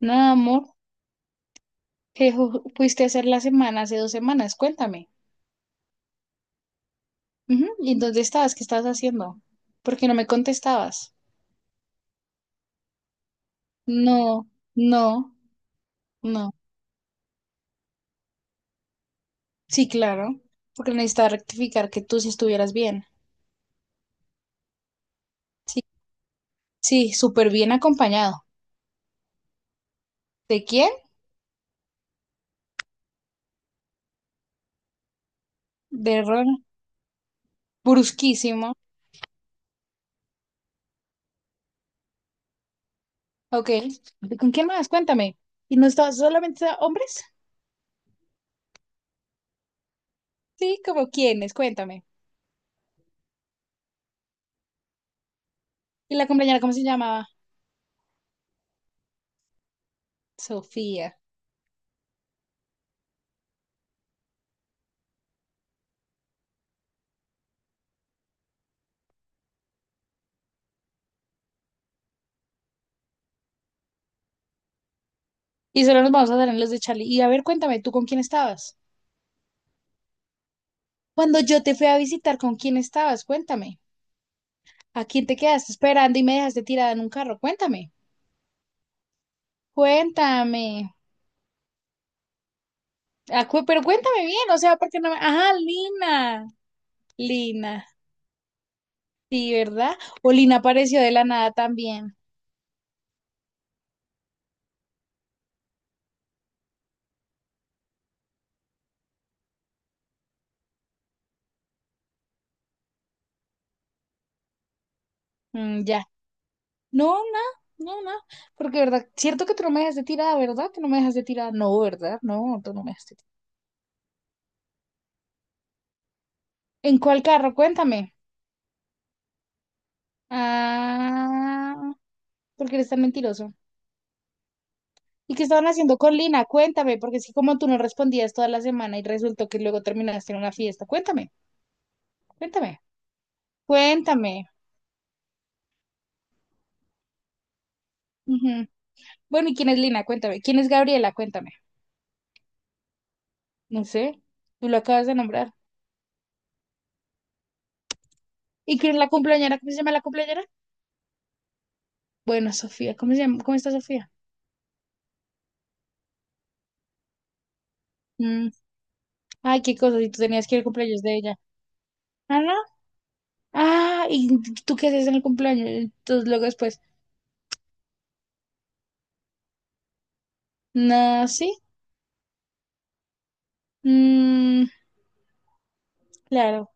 Nada, amor, que fuiste a hacer la semana hace 2 semanas, cuéntame. Ujú, ¿y dónde estabas? ¿Qué estabas haciendo? ¿Por qué no me contestabas? No, no, no. Sí, claro, porque necesitaba rectificar que tú sí estuvieras bien. Sí, sí, súper bien acompañado. ¿De quién? De Ron. Brusquísimo. Ok. ¿Y con quién más? Cuéntame. ¿Y no estabas solamente hombres? Sí, ¿como quiénes? Cuéntame. ¿Y la compañera cómo se llamaba? Sofía. Y solo nos vamos a dar en los de Charlie. Y a ver, cuéntame, ¿tú con quién estabas? Cuando yo te fui a visitar, ¿con quién estabas? Cuéntame. ¿A quién te quedaste esperando y me dejaste tirada en un carro? Cuéntame. Cuéntame. Ah, pero cuéntame bien, o sea, porque no me... Ajá, Lina. Lina. Sí, ¿verdad? O Lina apareció de la nada también. Mm, ya. No, no, no, no. Porque, ¿verdad? Cierto que tú no me dejaste tirada, ¿verdad? Que no me dejaste tirada. No, ¿verdad? No, tú no me dejaste tirada. ¿En cuál carro? Cuéntame. Ah, porque eres tan mentiroso. ¿Y qué estaban haciendo con Lina? Cuéntame, porque es que como tú no respondías toda la semana y resultó que luego terminaste en una fiesta. Cuéntame, cuéntame, cuéntame. Ujú. Bueno, ¿y quién es Lina? Cuéntame. ¿Quién es Gabriela? Cuéntame. No sé, tú lo acabas de nombrar. ¿Y quién es la cumpleañera? ¿Cómo se llama la cumpleañera? Bueno, Sofía, ¿cómo se llama? ¿Cómo está Sofía? Mm, ay, qué cosa, si tú tenías que ir al cumpleaños de ella. Ah, no. Ah, ¿y tú qué haces en el cumpleaños? Entonces luego después, no, sí. Mm, claro.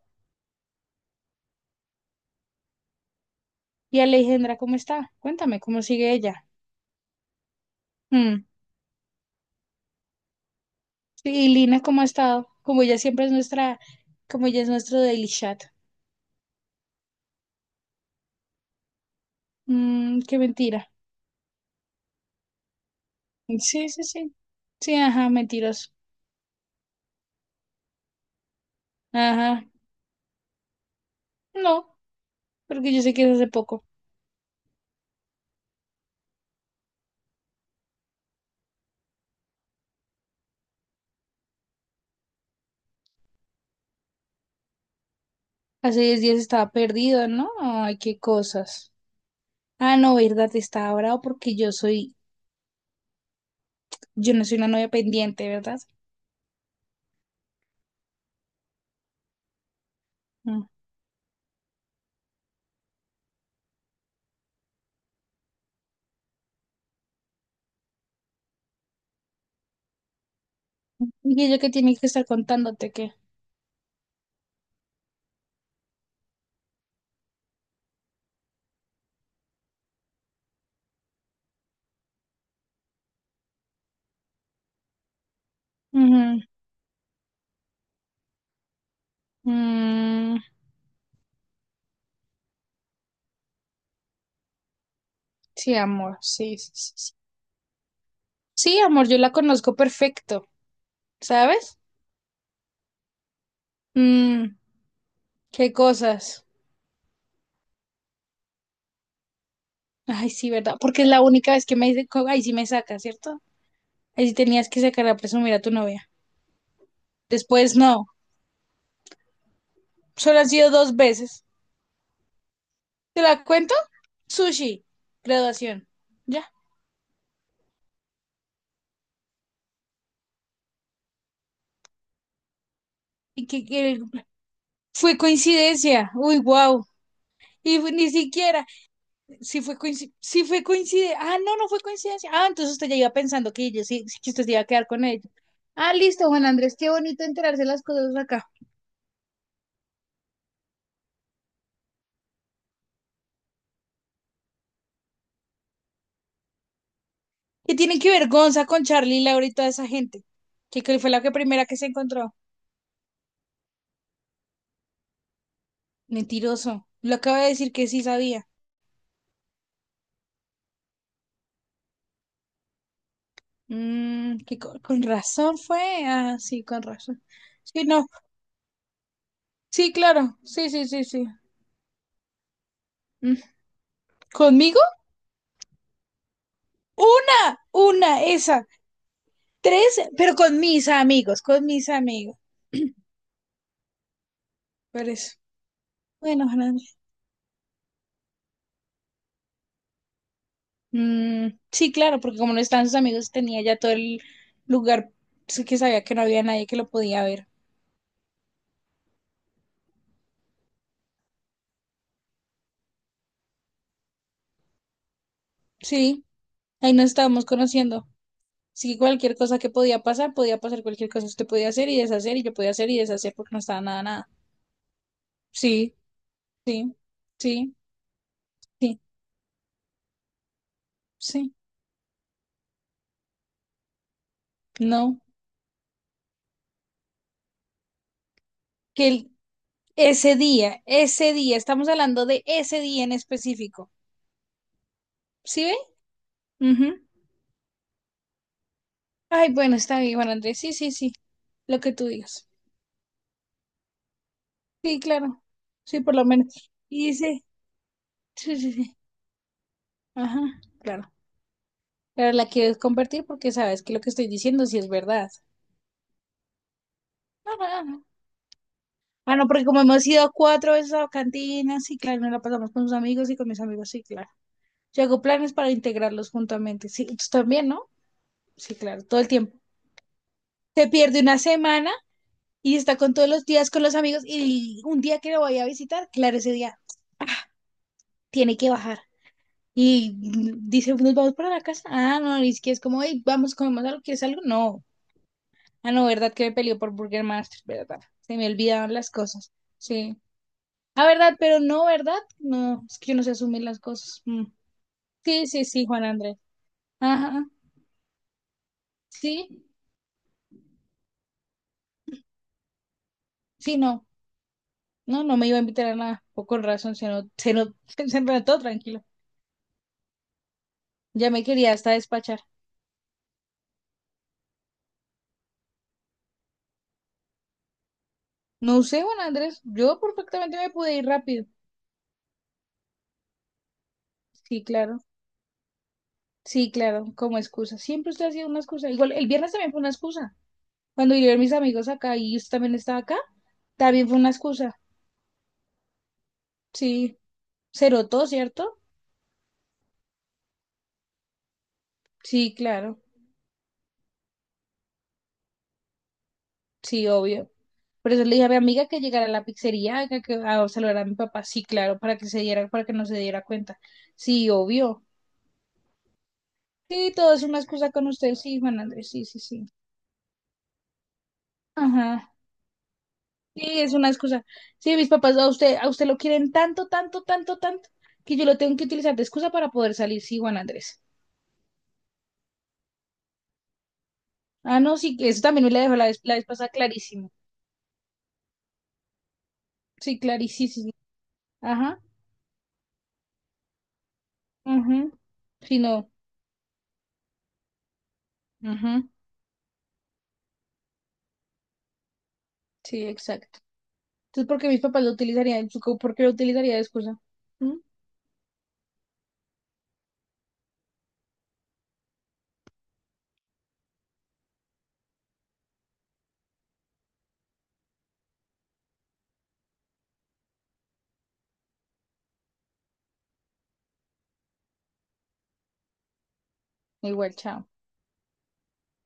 ¿Y Alejandra cómo está? Cuéntame, ¿cómo sigue ella? Mm. ¿Y Lina cómo ha estado? Como ella siempre es nuestra, como ella es nuestro daily chat. Mm, qué mentira. Sí, sí, sí. Sí, ajá, mentiroso. Ajá. No, porque yo sé que es hace poco. Hace 10 días estaba perdido, ¿no? Ay, qué cosas. Ah, no, verdad, estaba bravo porque yo soy, yo no soy una novia pendiente, ¿verdad? Mm. Y ella que tiene que estar contándote que. Ujú. Mm, sí, amor, sí, sí, sí. Sí, sí, amor, yo la conozco perfecto, ¿sabes? Mm, qué cosas. Ay, sí, ¿verdad? Porque es la única vez que me dice, ay, sí me saca, ¿cierto? Ahí sí tenías que sacar a presumir a tu novia. Después no. Solo han sido dos veces. ¿Te la cuento? Sushi, graduación. Ya. Y fue coincidencia. Uy, wow. Y ni siquiera, si fue coincidencia, si fue coincidencia, ah, no, no fue coincidencia, ah, entonces usted ya iba pensando que yo sí, sí que usted se iba a quedar con ella. Ah, listo, Juan Andrés, qué bonito enterarse las cosas acá. ¿Qué tienen que ver Gonza con Charlie, Laura y toda esa gente? Que fue la que primera que se encontró. Mentiroso. Lo acaba de decir que sí sabía. Mm, que con razón fue. Ah, sí, con razón. Sí, no. Sí, claro. Sí, sí, sí, sí. Mm. ¿Conmigo? Una, esa. Tres, pero con mis amigos, con mis amigos. Por eso. Bueno, Fernando. Mm, sí, claro, porque como no estaban sus amigos, tenía ya todo el lugar, sí, que sabía que no había nadie que lo podía ver. Sí. Ahí nos estábamos conociendo. Así que cualquier cosa que podía pasar cualquier cosa. Usted podía hacer y deshacer y yo podía hacer y deshacer porque no estaba nada, nada. Sí, sí, sí, sí, sí. No. Que el- ese día, ese día, estamos hablando de ese día en específico. ¿Sí ve? Ujú. Ay, bueno, está bien, Juan Andrés. Sí, sí, sí. Lo que tú digas. Sí, claro. Sí, por lo menos. Y dice, sí, sí, sí. Ajá, claro. Pero la quieres convertir porque sabes que lo que estoy diciendo sí es verdad. Ah, no, porque como hemos ido cuatro veces a cantinas, sí, claro, nos la pasamos con sus amigos y con mis amigos, sí, claro. Yo hago planes para integrarlos juntamente. Sí, tú también, ¿no? Sí, claro, todo el tiempo. Se pierde una semana y está con todos los días con los amigos y un día que lo vaya a visitar, claro, ese día tiene que bajar. Y mm, dice, nos vamos para la casa. Ah, no, y es que es como, hey, vamos, comemos algo, ¿quieres algo? No. Ah, no, ¿verdad que me peleó por Burger Master? ¿Verdad? Se me olvidaban las cosas. Sí. Ah, ¿verdad? Pero no, ¿verdad? No, es que uno se asume las cosas. Mm. Sí, sí, sí, Juan Andrés. Ajá, sí, sí, no. No, no me iba a invitar a nada. O razón, se no, se notó, tranquilo. Ya me quería hasta despachar. No sé, Juan Andrés, yo perfectamente me pude ir rápido. Sí, claro, sí, claro, como excusa. Siempre usted ha sido una excusa. Igual, el viernes también fue una excusa. Cuando yo a mis amigos acá y usted también estaba acá, también fue una excusa. Sí, cero todo, ¿cierto? Sí, claro, sí, obvio. Por eso le dije a mi amiga que llegara a la pizzería a saludar a mi papá. Sí, claro, para que se diera, para que no se diera cuenta. Sí, obvio. Sí, todo es una excusa con usted. Sí, Juan Andrés, sí, sí, sí. Ajá. Sí, es una excusa. Sí, mis papás a usted lo quieren tanto, tanto, tanto, tanto, que yo lo tengo que utilizar de excusa para poder salir. Sí, Juan Andrés. Ah, no, sí, que eso también me la dejó la vez pasada clarísimo. Sí, clarísimo. Ajá. Ajá. Sí, no. Ajá. Sí, exacto. Entonces, ¿por qué mis papás lo utilizarían? ¿Por qué lo utilizaría de excusa? ¿Mm? Igual, chao.